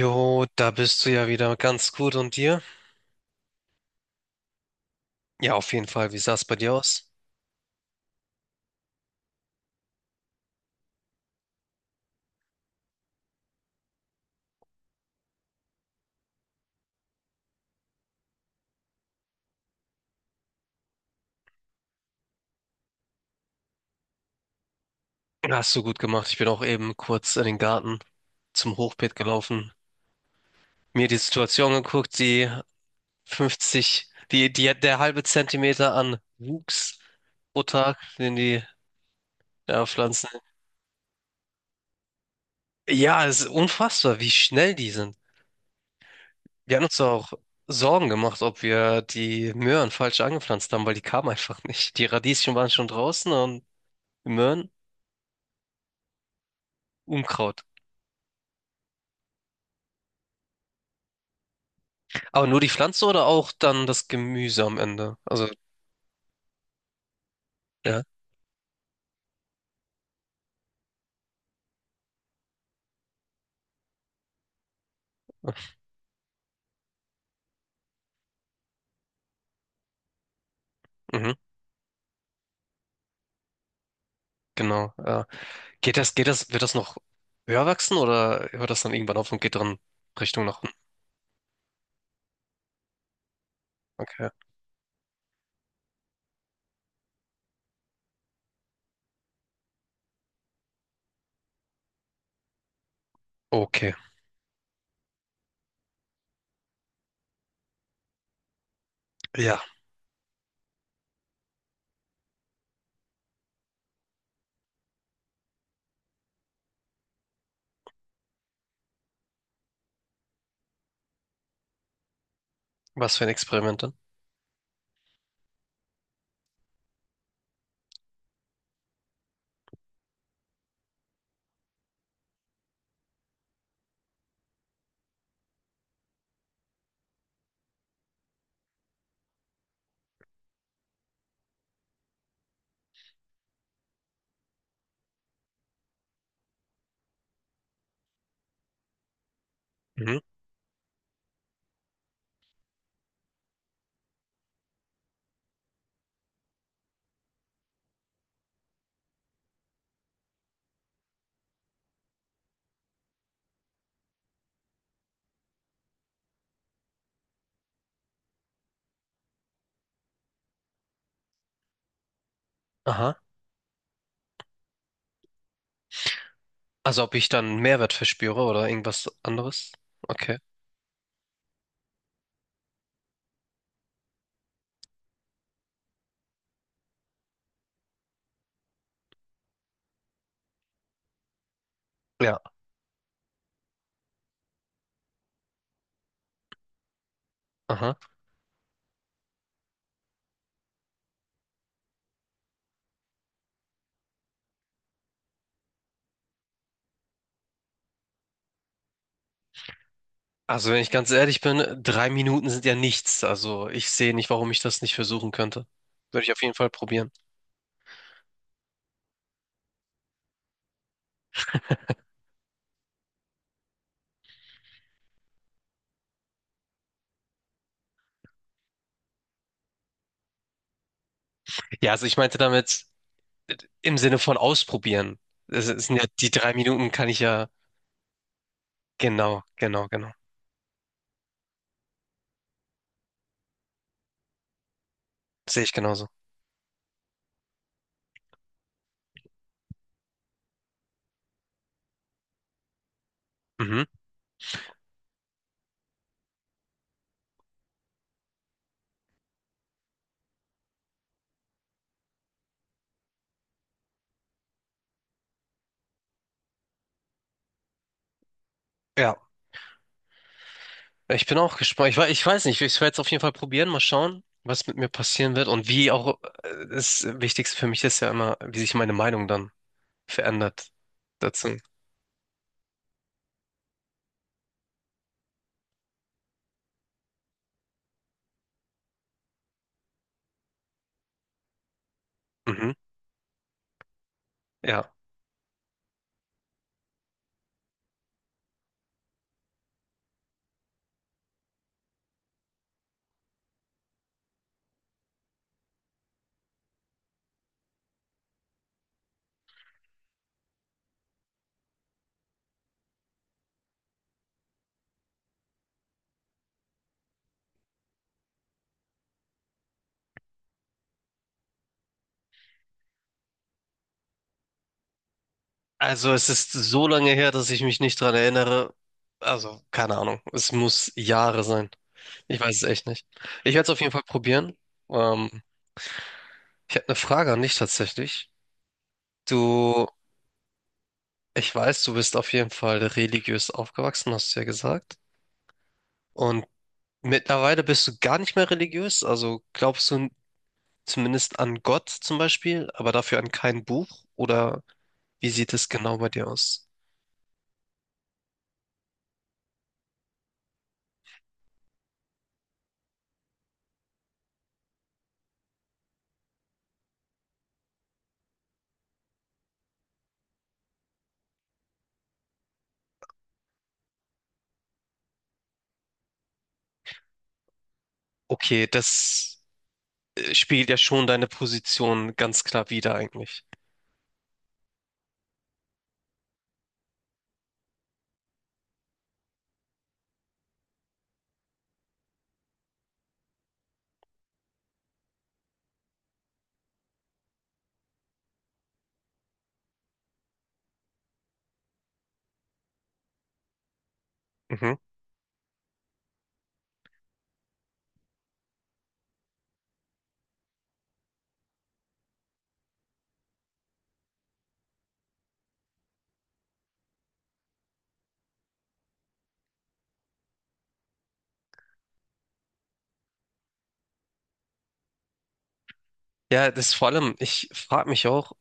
Jo, da bist du ja wieder ganz gut und dir? Ja, auf jeden Fall. Wie sah es bei dir aus? Hast du gut gemacht. Ich bin auch eben kurz in den Garten zum Hochbeet gelaufen, mir die Situation geguckt, die 50, der halbe Zentimeter an Wuchs pro Tag, den die ja, Pflanzen. Ja, es ist unfassbar, wie schnell die sind. Wir haben uns auch Sorgen gemacht, ob wir die Möhren falsch angepflanzt haben, weil die kamen einfach nicht. Die Radieschen waren schon draußen und die Möhren, Unkraut. Aber nur die Pflanze oder auch dann das Gemüse am Ende? Also, ja. Mhm, genau. Ja. Wird das noch höher wachsen oder hört das dann irgendwann auf und geht dann Richtung nach unten? Okay. Okay. Ja. Was für ein Experiment dann? Mhm. Aha. Also ob ich dann Mehrwert verspüre oder irgendwas anderes? Okay. Ja. Aha. Also wenn ich ganz ehrlich bin, 3 Minuten sind ja nichts. Also ich sehe nicht, warum ich das nicht versuchen könnte. Würde ich auf jeden Fall probieren. Ja, also ich meinte damit, im Sinne von ausprobieren. Sind ja die 3 Minuten kann ich ja, genau, genau, genau. Sehe ich genauso. Mhm. Ja, ich bin auch gespannt. Ich weiß nicht, ich werde es auf jeden Fall probieren, mal schauen, was mit mir passieren wird und wie auch das Wichtigste für mich ist ja immer, wie sich meine Meinung dann verändert dazu. Mhm. Ja. Also es ist so lange her, dass ich mich nicht dran erinnere. Also, keine Ahnung. Es muss Jahre sein. Ich weiß es echt nicht. Ich werde es auf jeden Fall probieren. Ähm, Ich habe eine Frage an dich tatsächlich. Du, ich weiß, du bist auf jeden Fall religiös aufgewachsen, hast du ja gesagt. Und mittlerweile bist du gar nicht mehr religiös. Also glaubst du zumindest an Gott zum Beispiel, aber dafür an kein Buch? Oder wie sieht es genau bei dir aus? Okay, das spiegelt ja schon deine Position ganz klar wider eigentlich. Mhm. Ja, das vor allem, ich frage mich auch,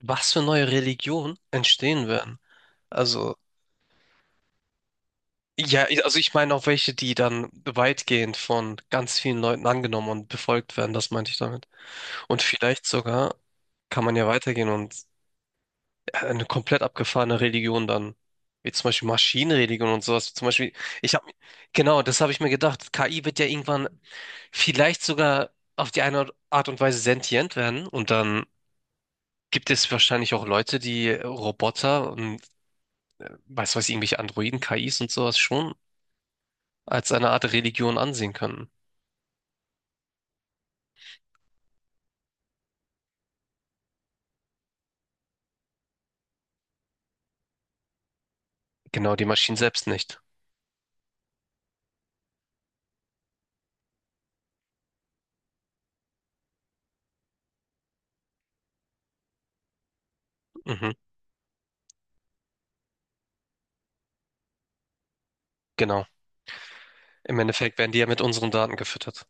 was für neue Religionen entstehen werden. Also. Ja, also ich meine auch welche, die dann weitgehend von ganz vielen Leuten angenommen und befolgt werden, das meinte ich damit. Und vielleicht sogar kann man ja weitergehen und eine komplett abgefahrene Religion dann, wie zum Beispiel Maschinenreligion und sowas. Zum Beispiel, ich habe, genau, das habe ich mir gedacht. KI wird ja irgendwann vielleicht sogar auf die eine Art und Weise sentient werden und dann gibt es wahrscheinlich auch Leute, die Roboter und weiß was, irgendwelche Androiden, KIs und sowas schon als eine Art Religion ansehen können. Genau, die Maschinen selbst nicht. Mhm, genau. Im Endeffekt werden die ja mit unseren Daten gefüttert.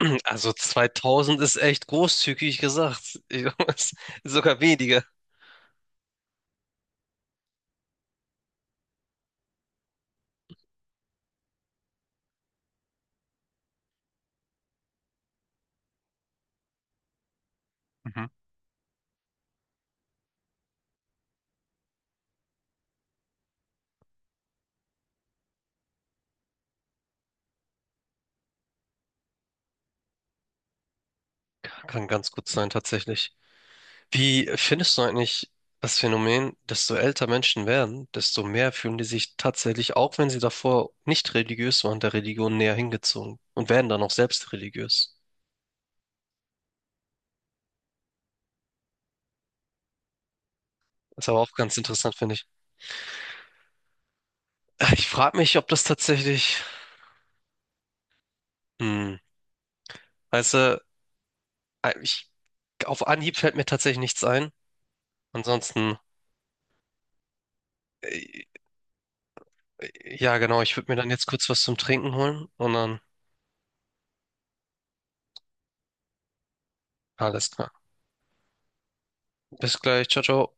Also 2000 ist echt großzügig gesagt. Sogar weniger. Mhm. Kann ganz gut sein, tatsächlich. Wie findest du eigentlich das Phänomen, desto älter Menschen werden, desto mehr fühlen die sich tatsächlich, auch wenn sie davor nicht religiös waren, der Religion näher hingezogen und werden dann auch selbst religiös? Das ist aber auch ganz interessant, finde ich. Ich frage mich, ob das tatsächlich, hm, weißt du, Äh, Ich, auf Anhieb fällt mir tatsächlich nichts ein. Ansonsten, äh, ja genau, ich würde mir dann jetzt kurz was zum Trinken holen und dann alles klar. Bis gleich, ciao, ciao.